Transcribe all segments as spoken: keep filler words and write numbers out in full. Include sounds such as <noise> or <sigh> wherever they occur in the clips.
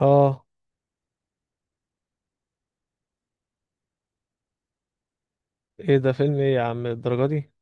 اه، ايه ده؟ فيلم ايه يا عم الدرجة دي؟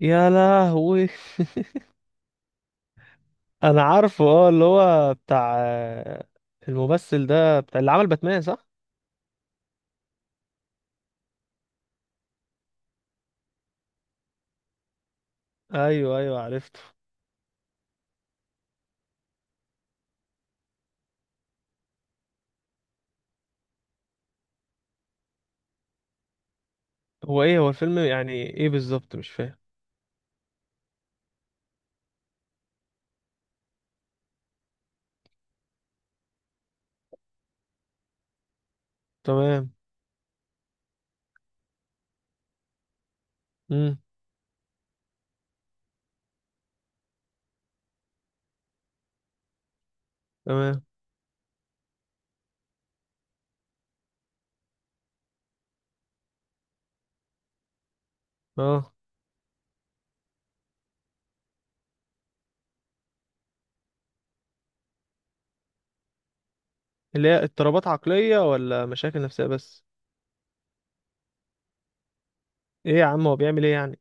يا لهوي. انا عارفه. اه اللي هو بتاع آه، الممثل ده بتاع اللي عمل باتمان، صح؟ ايوه ايوه، عرفته. هو ايه هو الفيلم يعني ايه بالظبط؟ مش فاهم. تمام. امم. تمام. اه، اللي هي اضطرابات عقلية ولا مشاكل نفسية بس؟ ايه يا عم، هو بيعمل ايه يعني؟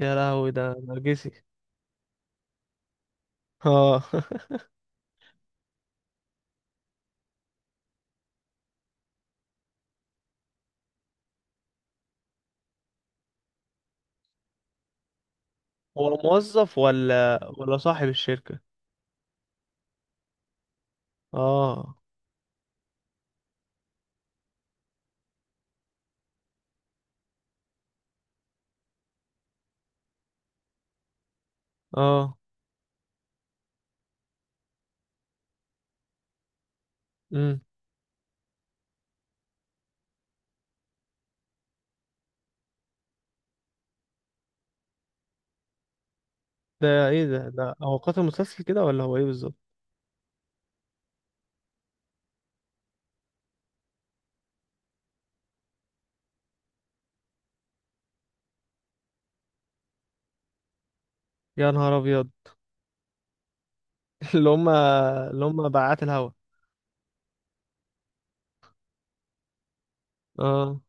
يا لهوي، ده نرجسي. اه <laughs> هو موظف ولا ولا صاحب الشركة؟ اه. اه. مم. ده ايه ده ده هو قاتل مسلسل كده ولا هو ايه بالظبط؟ يا نهار ابيض. <laughs> اللي هم، اللي هم بعات الهوا. اه.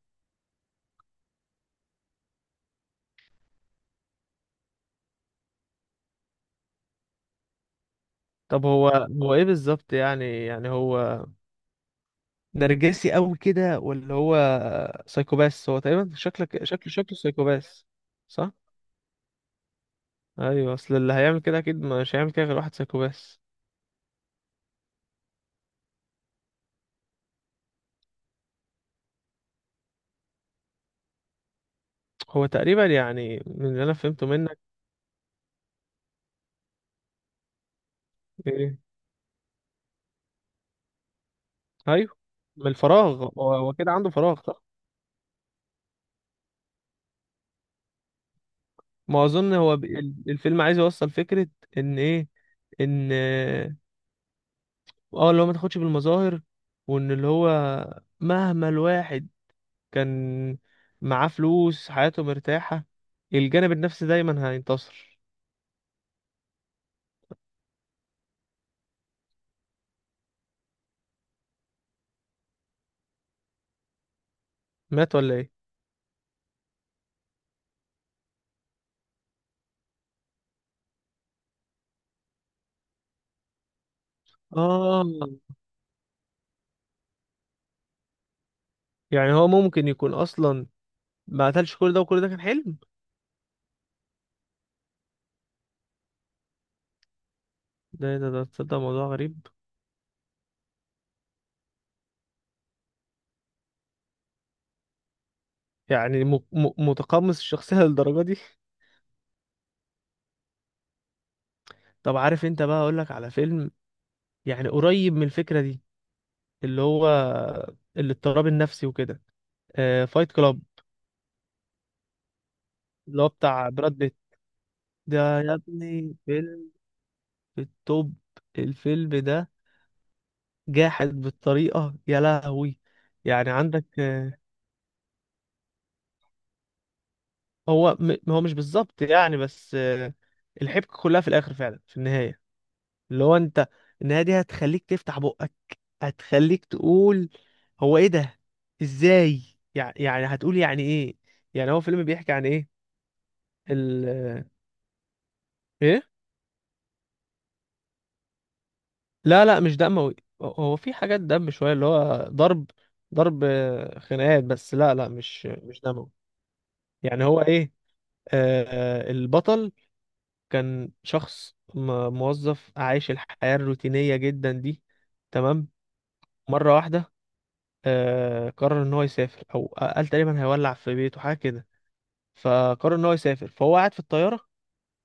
طب هو، هو ايه بالظبط يعني؟ يعني هو نرجسي قوي كده، ولا هو سايكوباس؟ هو تقريبا شكلك شكله شكله سايكوباس. صح. ايوه، اصل اللي هيعمل كده اكيد مش هيعمل كده غير واحد سايكوباس. هو تقريبا يعني، من اللي انا فهمته منك، ايه. ايوه. من الفراغ، هو هو كده عنده فراغ، صح؟ ما اظن هو بي- الفيلم عايز يوصل فكرة، ان ايه؟ ان اه اللي هو ما تاخدش بالمظاهر، وان اللي هو مهما الواحد كان معاه فلوس، حياته مرتاحة، الجانب النفسي دايما هينتصر. مات ولا ايه؟ اه. يعني هو ممكن يكون اصلا ما قتلش كل ده، وكل ده كان حلم. ده ده ده تصدق موضوع غريب. يعني م م متقمص الشخصية للدرجة دي <laughs> طب عارف انت بقى، اقولك على فيلم يعني قريب من الفكرة دي، اللي هو الاضطراب النفسي وكده. آه، فايت كلاب. اللي هو بتاع براد بيت. ده يا ابني فيلم في التوب. الفيلم ده جاحد بالطريقة، يا لهوي. يعني عندك آه، هو م- هو مش بالظبط يعني، بس آه، الحبكة كلها في الآخر، فعلا في النهاية. اللي هو أنت، النهاية دي هتخليك تفتح بقك، هتخليك تقول هو إيه ده، إزاي؟ يع- يعني هتقول يعني إيه؟ يعني هو فيلم بيحكي عن إيه؟ ال، إيه. لا لا، مش دموي. هو في حاجات دم شوية، اللي هو ضرب، ضرب آه، خناقات، بس لا لا، مش مش دموي. يعني هو ايه، آه آه، البطل كان شخص م- موظف عايش الحياة الروتينية جدا دي، تمام؟ مرة واحدة آه، قرر ان هو يسافر، او قال تقريبا هيولع في بيته حاجة كده. فقرر ان هو يسافر، فهو قاعد في الطيارة،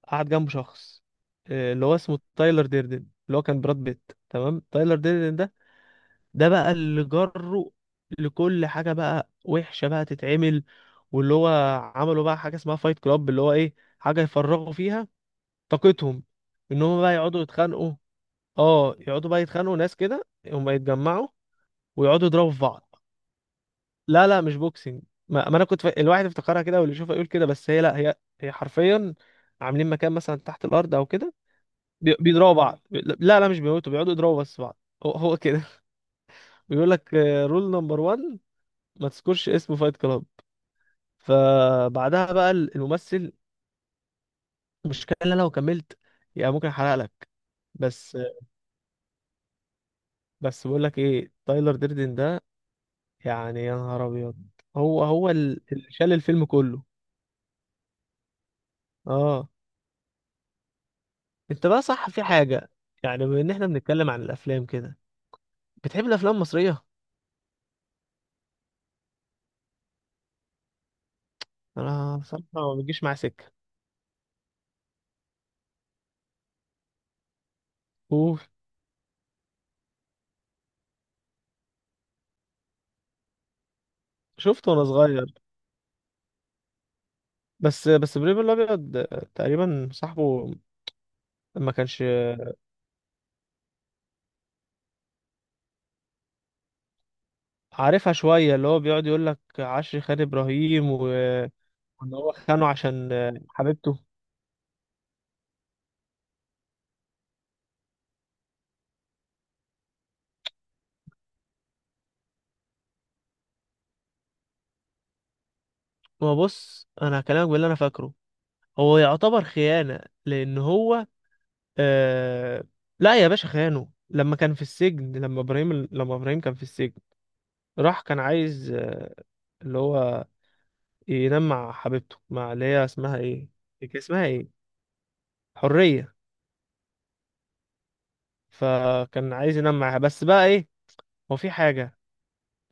قعد جنبه شخص آه، اللي هو اسمه تايلر ديردن، اللي هو كان براد بيت. تمام. تايلر ديردن ده، ده بقى اللي جره لكل حاجة بقى وحشة بقى تتعمل. واللي هو عملوا بقى حاجة اسمها فايت كلاب، اللي هو ايه، حاجة يفرغوا فيها طاقتهم، ان هم بقى يقعدوا يتخانقوا. اه، يقعدوا بقى يتخانقوا، ناس كده هم يتجمعوا ويقعدوا يضربوا في بعض. لا لا، مش بوكسنج. ما, ما انا كنت ف... الواحد افتكرها كده، واللي يشوفها يقول كده، بس هي لا، هي هي حرفيا عاملين مكان مثلا تحت الارض او كده. بي- بيضربوا بعض، لا لا مش بيموتوا، بيقعدوا يضربوا بس بعض. هو, هو كده. <laughs> بيقول لك رول نمبر واحد، ما تذكرش اسم فايت كلاب. فبعدها بقى ال- الممثل، المشكله ان انا لو كملت يعني ممكن احرق لك. بس بس بقول لك ايه، تايلر ديردن ده يعني يا نهار ابيض. هو هو ال- اللي شال الفيلم كله. اه. انت بقى صح في حاجه، يعني بما ان احنا بنتكلم عن الافلام كده، بتحب الافلام المصريه؟ انا بصراحه ما بتجيش معايا سكه. اوف. شفته وانا صغير، بس بس ابراهيم الابيض تقريبا صاحبه ما كانش. عارفها شوية، اللي هو بيقعد يقول لك عشري خان إبراهيم و... وإن هو خانه عشان حبيبته. ما بص، أنا هكلمك باللي أنا فاكره. هو يعتبر خيانة، لأن هو آه... لا يا باشا، خانه لما كان في السجن. لما إبراهيم، لما إبراهيم كان في السجن، راح كان عايز آه، اللي هو ينام مع حبيبته، مع اللي هي اسمها إيه؟ كان اسمها إيه؟ حرية. فكان عايز ينام معاها، بس بقى إيه، هو في حاجة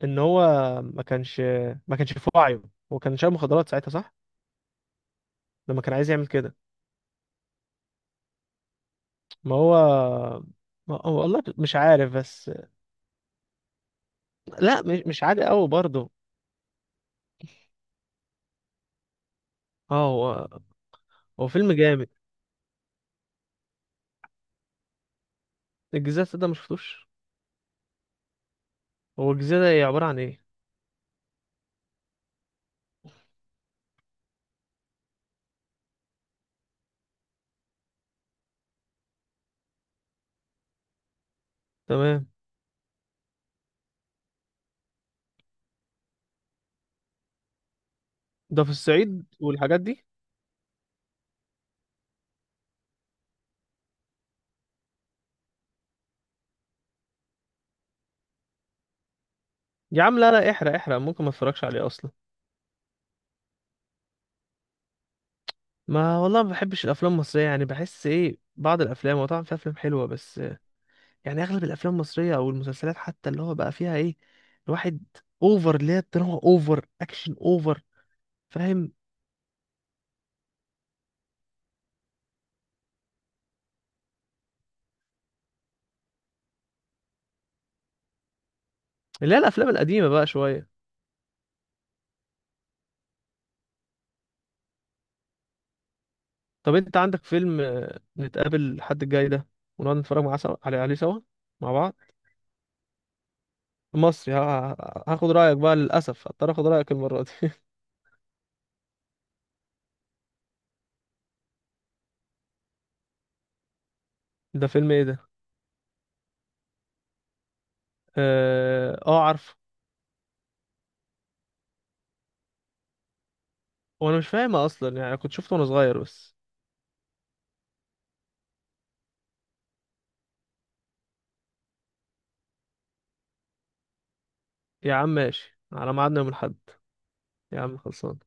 ان هو ما كانش، ما كانش في وعيه، هو كان شارب مخدرات ساعتها، صح؟ لما كان عايز يعمل كده. ما هو. ما هو والله مش عارف، بس لا مش مش عادي قوي برضه. اه. هو هو فيلم جامد. الجزيرة السوداء ما شفتوش؟ هو الجزيرة هي عبارة عن ايه؟ تمام. ده في الصعيد والحاجات دي. يا عم لا لا، احرق احرق، ممكن ما اتفرجش عليه اصلا. ما والله ما بحبش الافلام المصرية يعني، بحس ايه، بعض الافلام، وطبعا في افلام حلوة، بس يعني اغلب الافلام المصريه او المسلسلات حتى، اللي هو بقى فيها ايه، الواحد اوفر، اللي هي الدراما اوفر، اكشن اوفر. فاهم. اللي هي الافلام القديمه بقى شويه. طب انت عندك فيلم آه، نتقابل الحد الجاي ده ونقعد نتفرج معاه سوا عليه عليه سوا مع بعض؟ مصري ه- هاخد رايك بقى، للاسف هضطر اخد رايك المره دي. <laughs> ده فيلم ايه ده؟ اه، آه، عارفه. وانا مش فاهمها اصلا يعني، كنت شفته وانا صغير بس. يا عم ماشي، على ميعادنا يوم الاحد. يا عم خلصان.